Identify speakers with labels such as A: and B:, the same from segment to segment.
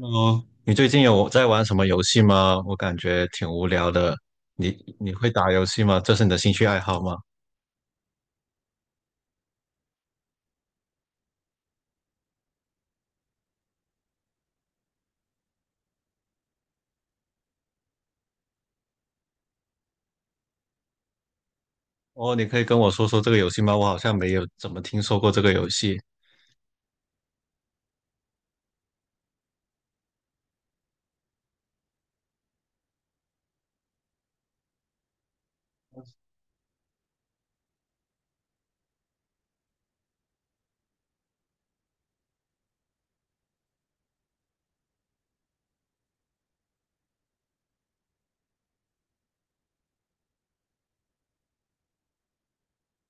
A: 哦，你最近有在玩什么游戏吗？我感觉挺无聊的。你会打游戏吗？这是你的兴趣爱好吗？哦，你可以跟我说说这个游戏吗？我好像没有怎么听说过这个游戏。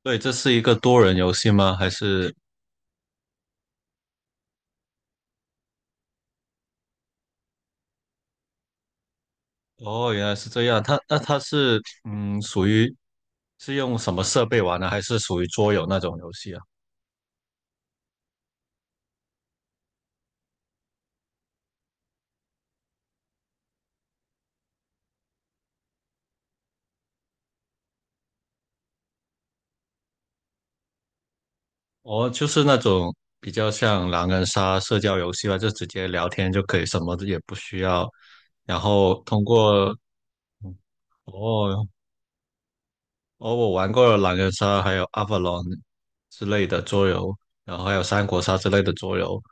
A: 对，这是一个多人游戏吗？还是？哦，原来是这样。它那它是属于是用什么设备玩的？还是属于桌游那种游戏啊？哦，就是那种比较像狼人杀社交游戏吧，就直接聊天就可以，什么也不需要。然后通过哦，哦，我玩过了狼人杀，还有 Avalon 之类的桌游，然后还有三国杀之类的桌游。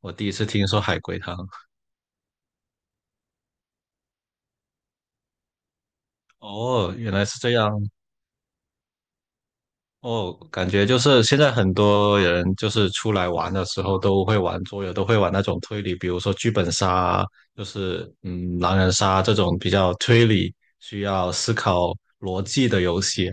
A: 我第一次听说海龟汤，哦，原来是这样。哦，感觉就是现在很多人就是出来玩的时候都会玩桌游，都会玩那种推理，比如说剧本杀啊，就是狼人杀这种比较推理、需要思考逻辑的游戏。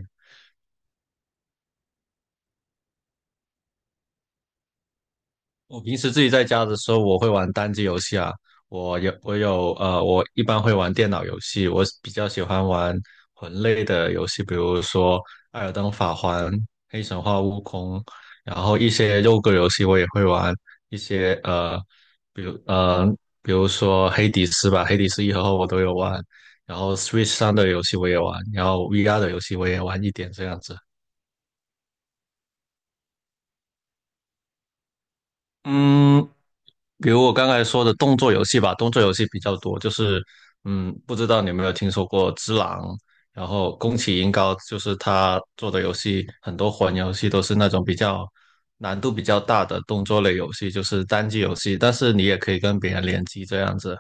A: 我平时自己在家的时候，我会玩单机游戏啊。我一般会玩电脑游戏，我比较喜欢玩魂类的游戏，比如说《艾尔登法环》《黑神话：悟空》，然后一些肉鸽游戏我也会玩，一些呃，比如呃，比如说《黑迪斯》吧，《黑迪斯一》和二我都有玩，然后 Switch 上的游戏我也玩，然后 VR 的游戏我也玩一点这样子。嗯，比如我刚才说的动作游戏吧，动作游戏比较多，就是不知道你有没有听说过《只狼》，然后宫崎英高，就是他做的游戏，很多魂游戏都是那种比较难度比较大的动作类游戏，就是单机游戏，但是你也可以跟别人联机这样子。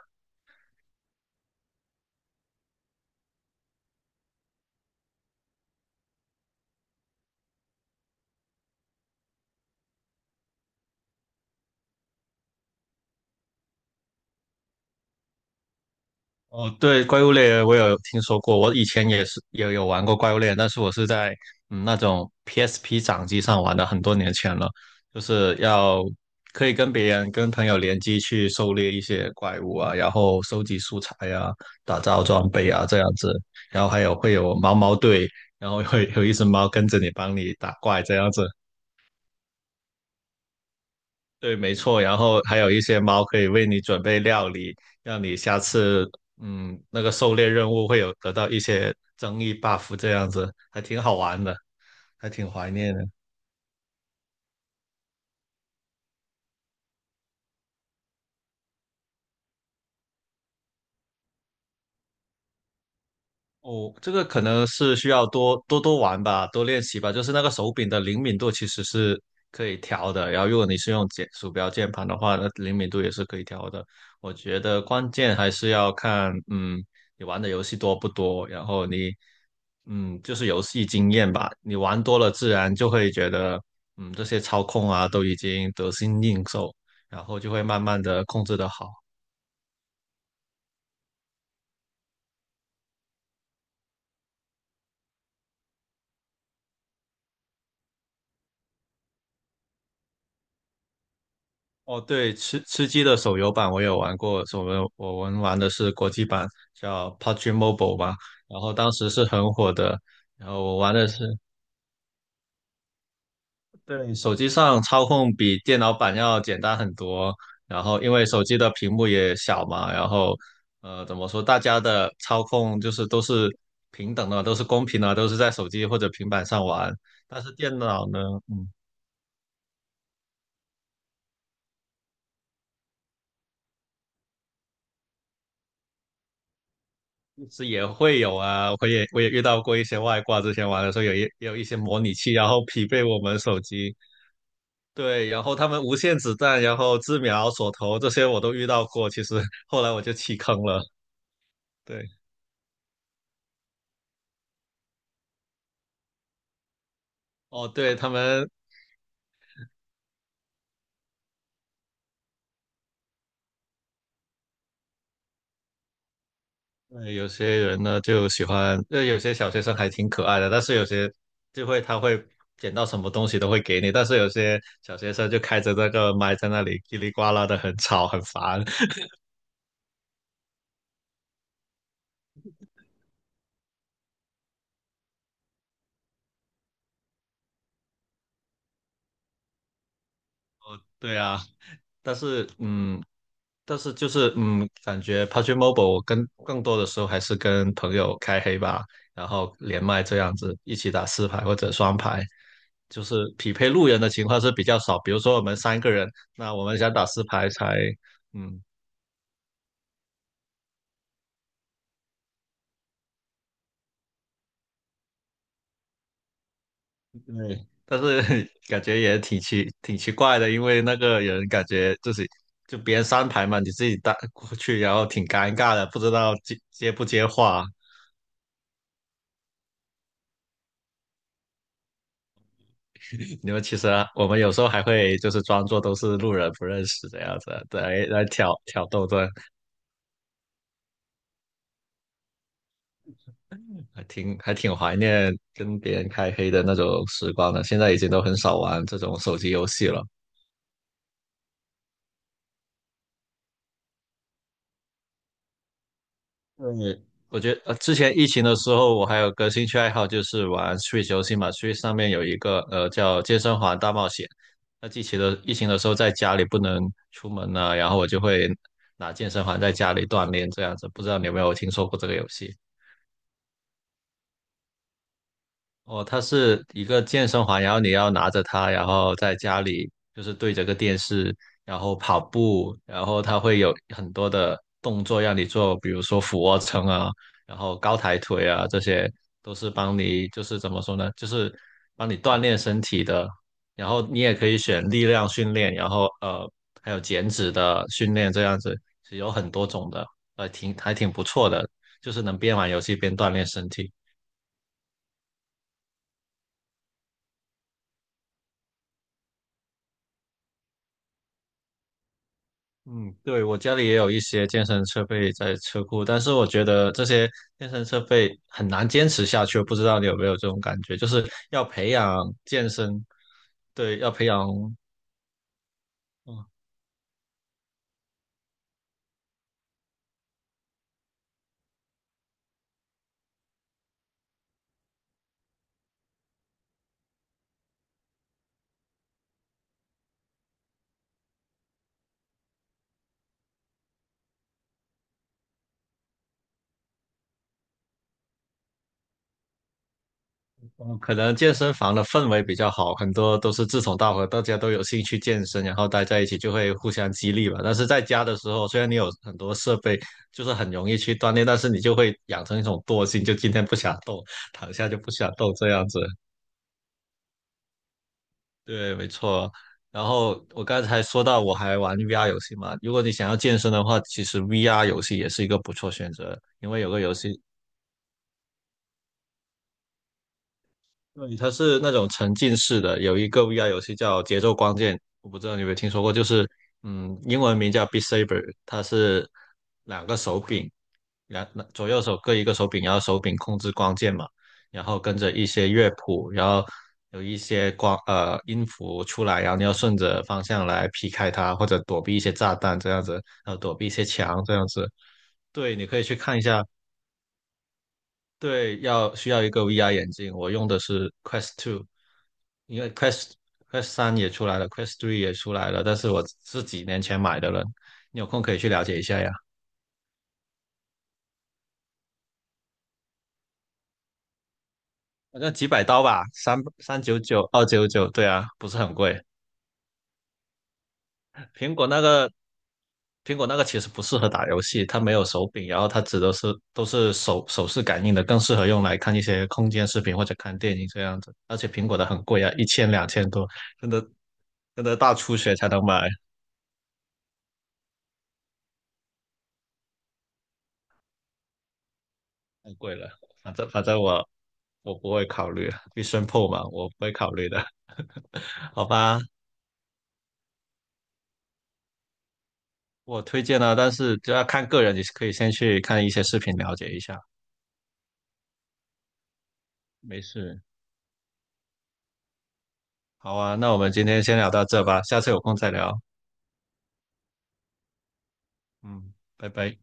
A: 哦，对，怪物猎人我有听说过，我以前也有玩过怪物猎人，但是我是在那种 PSP 掌机上玩的，很多年前了，就是要可以跟别人跟朋友联机去狩猎一些怪物啊，然后收集素材啊，打造装备啊这样子，然后还有会有毛毛队，然后会有一只猫跟着你帮你打怪这样子。对，没错。然后还有一些猫可以为你准备料理，让你下次那个狩猎任务会有得到一些增益 buff，这样子还挺好玩的，还挺怀念的。哦，这个可能是需要多多玩吧，多练习吧。就是那个手柄的灵敏度其实是可以调的，然后如果你是用键鼠标键盘的话，那灵敏度也是可以调的。我觉得关键还是要看，你玩的游戏多不多，然后你，就是游戏经验吧。你玩多了，自然就会觉得，这些操控啊都已经得心应手，然后就会慢慢的控制的好。哦，对，吃鸡的手游版我有玩过，我们玩的是国际版，叫 PUBG Mobile 吧，然后当时是很火的，然后我玩的是，对，手机上操控比电脑版要简单很多，然后因为手机的屏幕也小嘛，然后怎么说，大家的操控就是都是平等的，都是公平的，都是在手机或者平板上玩，但是电脑呢？嗯是也会有啊，我也遇到过一些外挂，之前玩的时候有一些模拟器，然后匹配我们手机，对，然后他们无限子弹，然后自瞄、锁头这些我都遇到过，其实后来我就弃坑了。对，哦，对他们，有些人呢就喜欢，有些小学生还挺可爱的，但是有些就会他会捡到什么东西都会给你，但是有些小学生就开着那个麦在那里叽里呱啦的很吵很烦，对啊。但是，嗯，但是就是感觉 PUBG Mobile 我跟更多的时候还是跟朋友开黑吧，然后连麦这样子一起打四排或者双排，就是匹配路人的情况是比较少。比如说我们三个人，那我们想打四排才嗯对，但是 感觉也挺奇怪的，因为那个人感觉自己就别人三排嘛，你自己打过去，然后挺尴尬的，不知道接不接话。因为其实啊我们有时候还会就是装作都是路人不认识这样子，来挑逗这，还挺怀念跟别人开黑的那种时光的。现在已经都很少玩这种手机游戏了。对，我觉得之前疫情的时候，我还有个兴趣爱好就是玩 Switch 游戏嘛。Switch 上面有一个叫《健身环大冒险》。那疫情的时候，在家里不能出门呢、然后我就会拿健身环在家里锻炼这样子。不知道你有没有听说过这个游戏？哦，它是一个健身环，然后你要拿着它，然后在家里就是对着个电视，然后跑步，然后它会有很多的动作让你做，比如说俯卧撑啊，然后高抬腿啊，这些都是帮你就是怎么说呢，就是帮你锻炼身体的。然后你也可以选力量训练，然后还有减脂的训练这样子，是有很多种的，还挺不错的，就是能边玩游戏边锻炼身体。嗯，对，我家里也有一些健身设备在车库，但是我觉得这些健身设备很难坚持下去，不知道你有没有这种感觉，就是要培养健身，对，要培养，嗯，嗯可能健身房的氛围比较好，很多都是志同道合，大家都有兴趣健身，然后待在一起就会互相激励吧。但是在家的时候，虽然你有很多设备，就是很容易去锻炼，但是你就会养成一种惰性，就今天不想动，躺下就不想动这样子。对，没错。然后我刚才说到我还玩 VR 游戏嘛，如果你想要健身的话，其实 VR 游戏也是一个不错选择，因为有个游戏对，它是那种沉浸式的，有一个 VR 游戏叫《节奏光剑》，我不知道你有没有听说过，就是英文名叫 Beat Saber，它是两个手柄，两左右手各一个手柄，然后手柄控制光剑嘛，然后跟着一些乐谱，然后有一些音符出来，然后你要顺着方向来劈开它，或者躲避一些炸弹这样子，然后躲避一些墙这样子。对，你可以去看一下。对，要需要一个 VR 眼镜，我用的是 Quest Two，因为 Quest 三也出来了，Quest Three 也出来了，但是我是几年前买的了，你有空可以去了解一下呀，反正几百刀吧，3399、299，对啊，不是很贵。苹果那个苹果那个其实不适合打游戏，它没有手柄，然后它指的是都是手势感应的，更适合用来看一些空间视频或者看电影这样子。而且苹果的很贵啊，一千两千多，真的真的大出血才能买。太贵了，反正我不会考虑啊必胜客嘛，我不会考虑的，好吧？我推荐了，但是就要看个人，你可以先去看一些视频了解一下。没事，好啊，那我们今天先聊到这吧，下次有空再聊。嗯，拜拜。